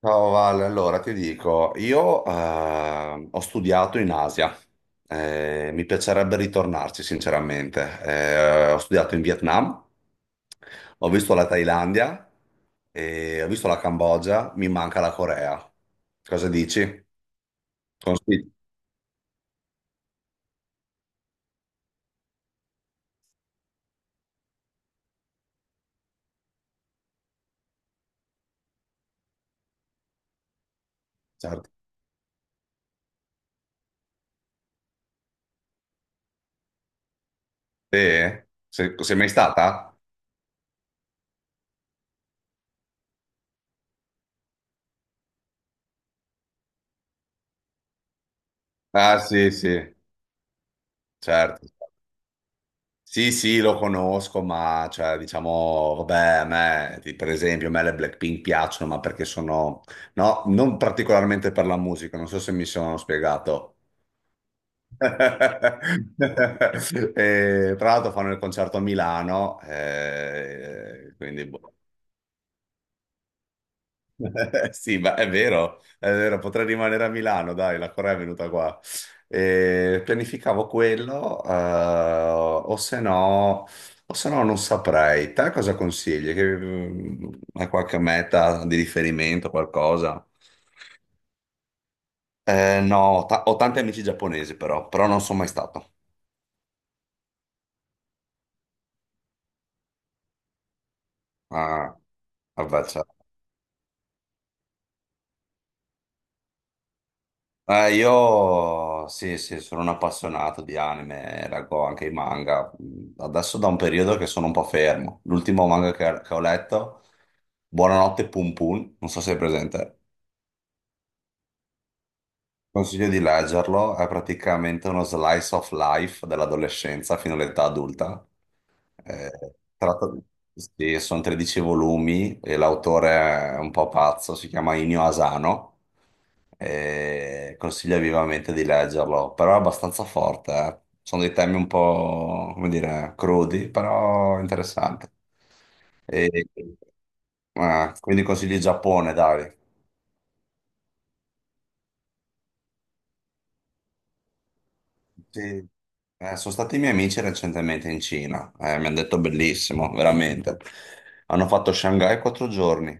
Ciao Vale, allora ti dico, io ho studiato in Asia. Mi piacerebbe ritornarci sinceramente. Ho studiato in Vietnam, ho visto la Thailandia, e ho visto la Cambogia, mi manca la Corea. Cosa dici? Consigli? Certo. Sì? Sei mai stata? Ah sì, sì, certo. Certo. Sì, sì, lo conosco, ma cioè, diciamo, vabbè, a me, per esempio, a me le Blackpink piacciono, ma perché sono, no, non particolarmente per la musica, non so se mi sono spiegato. E, tra l'altro fanno il concerto a Milano, quindi boh. Sì, ma è vero, potrei rimanere a Milano, dai, la Corea è venuta qua. E pianificavo quello, o se no non saprei. Te cosa consigli? Hai qualche meta di riferimento, qualcosa? No, ho tanti amici giapponesi però non sono mai stato a, a Versailles. Io sì, sì, sono un appassionato di anime, leggo anche i manga. Adesso da un periodo che sono un po' fermo. L'ultimo manga che ho letto, Buonanotte Pum Pum, non so se è presente. Consiglio di leggerlo, è praticamente uno slice of life dell'adolescenza fino all'età adulta. Eh, tratta di- sì, sono 13 volumi e l'autore è un po' pazzo, si chiama Inio Asano. E consiglio vivamente di leggerlo, però è abbastanza forte. Sono dei temi un po', come dire, crudi, però interessanti. E, quindi consigli Giappone, dai. Sì. Sono stati i miei amici recentemente in Cina, mi hanno detto bellissimo, veramente. Hanno fatto Shanghai quattro giorni,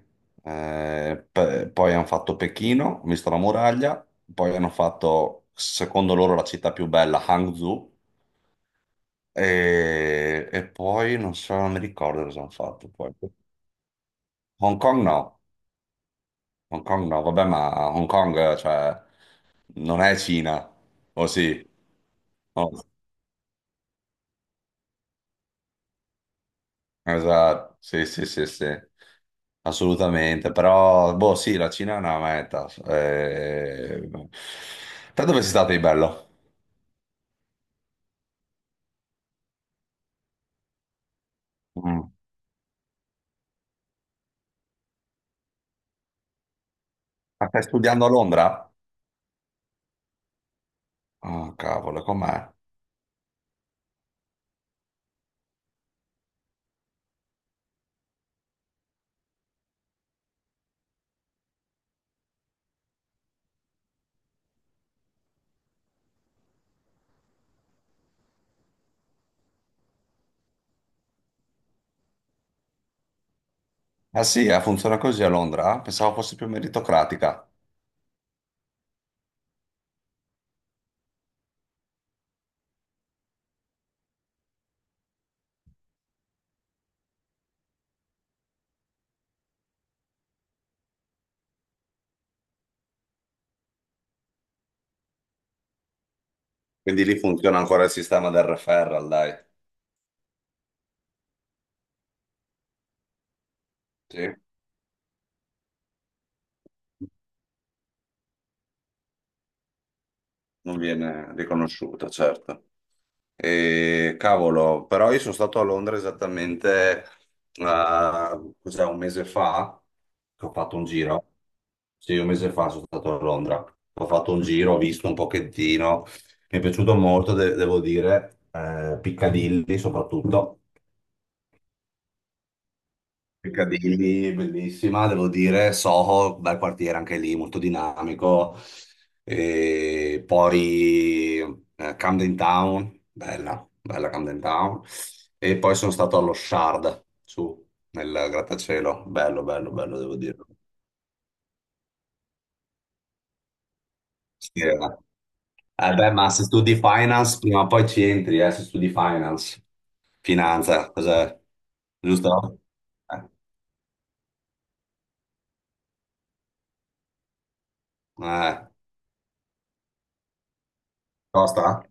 poi hanno fatto Pechino, ho visto la muraglia, poi hanno fatto, secondo loro, la città più bella, Hangzhou, e poi non so, non mi ricordo cosa hanno fatto. Poi. Hong Kong no, Hong Kong no, vabbè, ma Hong Kong, cioè, non è Cina, o sì? No. Esatto, sì, sì, sì, sì, assolutamente, però, boh, sì, la Cina è una meta. Te dove sei stato di bello? Mm. Ma stai studiando a Londra? Oh, cavolo, com'è? Ah sì, funziona così a Londra? Pensavo fosse più meritocratica. Quindi lì funziona ancora il sistema del referral, dai. Sì. Non viene riconosciuta, certo. E, cavolo, però io sono stato a Londra esattamente, ah, cos'è, un mese fa, che ho fatto un giro. Sì, un mese fa sono stato a Londra. Ho fatto un giro, ho visto un pochettino. Mi è piaciuto molto, devo dire, Piccadilly soprattutto. Piccadilly, bellissima, devo dire, Soho, bel quartiere anche lì, molto dinamico. E poi Camden Town, bella, bella Camden Town. E poi sono stato allo Shard, su, nel grattacielo, bello, bello, bello, devo dire. Sì. Eh beh, ma se studi finance, prima o poi ci entri, se studi finance. Finanza, cos'è? Giusto? Eh, eh, Costa?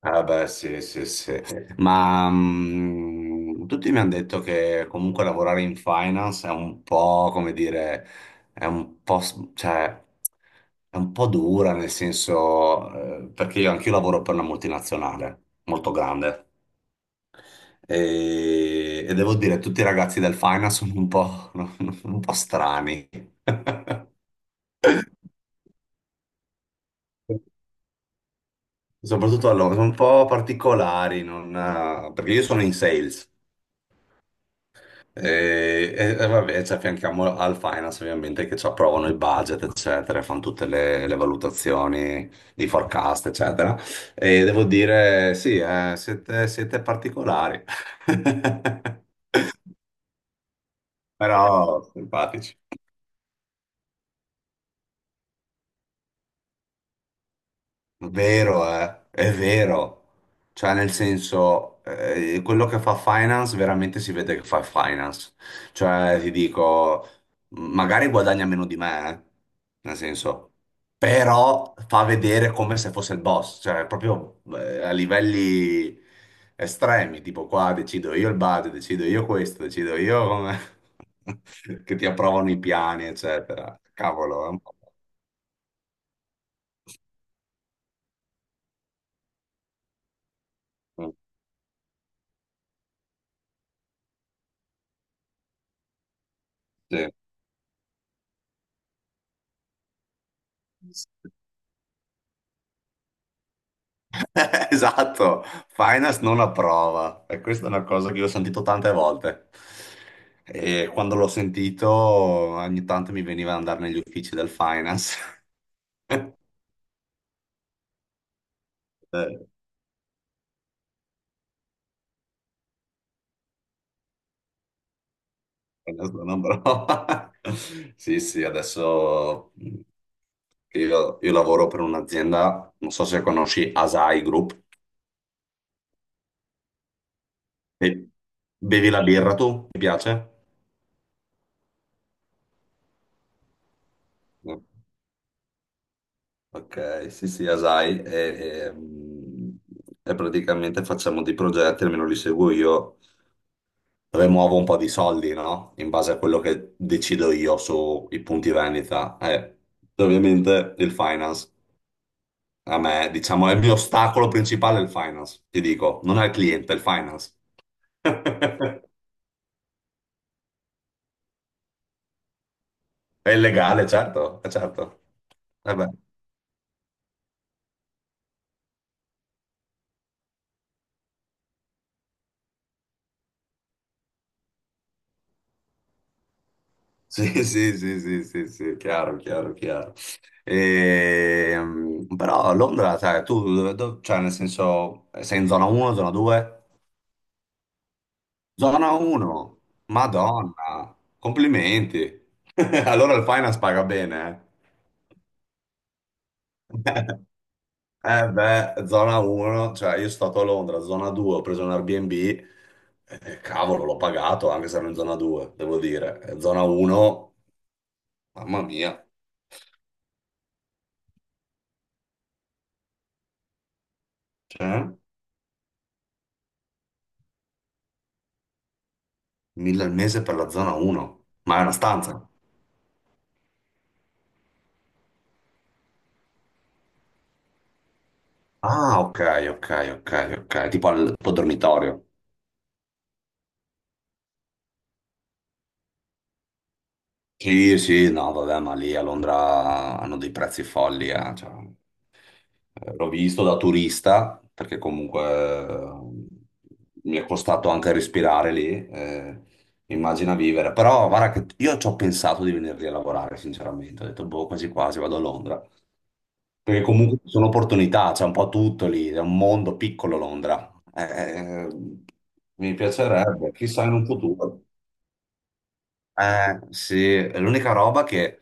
Ah beh, sì, sì, sì. Ma tutti mi hanno detto che comunque lavorare in finance è un po', come dire, è un po', cioè, è un po' dura, nel senso, perché io anch'io lavoro per una multinazionale molto grande e devo dire, tutti i ragazzi del finance sono un po', un po' strani. Soprattutto allora, sono un po' particolari, non, perché io sono in sales. E vabbè, ci affianchiamo al finance ovviamente che ci approvano il budget, eccetera, fanno tutte le valutazioni di forecast, eccetera. E devo dire, sì, siete particolari, però simpatici. Vero, è vero. Cioè, nel senso, quello che fa finance veramente si vede che fa finance. Cioè, ti dico, magari guadagna meno di me, nel senso, però fa vedere come se fosse il boss, cioè proprio a livelli estremi, tipo qua decido io il budget, decido io questo, decido io come... che ti approvano i piani, eccetera. Cavolo, è un po'... Mm, sì. Esatto, Finance non approva e questa è una cosa che io ho sentito tante volte e quando l'ho sentito ogni tanto mi veniva ad andare negli uffici del Finance. Eh, Finance non approva. Sì, sì, adesso che io lavoro per un'azienda, non so se conosci Asai Group. Be- Bevi la birra tu? Ti piace? No. Ok, sì, sì, Asai, e, mm, e praticamente facciamo dei progetti, almeno li seguo io, rimuovo un po' di soldi, no? In base a quello che decido io sui punti vendita. E ovviamente il finance, a me, diciamo, è il mio ostacolo principale il finance, ti dico, non è il cliente, è il finance. È illegale, certo, certo. Sì, sì, sì, sì, sì, sì, chiaro, chiaro, chiaro. Però a Londra, sai, tu, cioè, nel senso, sei in zona 1, zona 2? Zona 1, Madonna, complimenti. Allora il finance paga bene, eh. Eh beh, zona 1, cioè io sono stato a Londra, zona 2, ho preso un Airbnb, cavolo, l'ho pagato anche se ero in zona 2, devo dire. Zona 1, mamma mia. Cioè? 1.000 al mese per la zona 1, ma è una stanza. Ah, ok, ok, ok, ok, tipo al tuo dormitorio. Sì, sì, no, vabbè, ma lì a Londra hanno dei prezzi folli, cioè, l'ho visto da turista, perché comunque mi è costato anche respirare lì, immagina vivere. Però guarda che io ci ho pensato di venire lì a lavorare, sinceramente, ho detto, boh, quasi quasi vado a Londra. Perché comunque ci sono opportunità, c'è un po' tutto lì, è un mondo piccolo Londra. Mi piacerebbe, chissà in un futuro. Sì, è l'unica roba che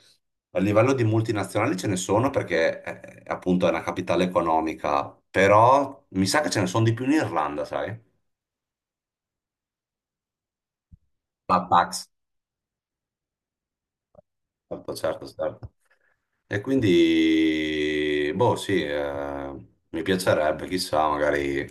a livello di multinazionali ce ne sono perché appunto è una capitale economica, però mi sa che ce ne sono di più in Irlanda, sai? La Certo, certo, certo. E quindi, boh, sì, mi piacerebbe, chissà, magari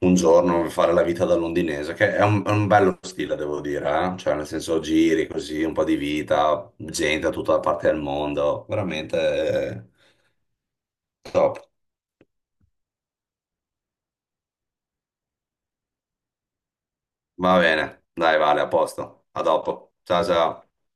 un giorno fare la vita da londinese, che è un bello stile, devo dire. Cioè, nel senso, giri così, un po' di vita, gente da tutta la parte del mondo, veramente top. Va bene, dai, Vale, a posto. A dopo. Ciao, ciao.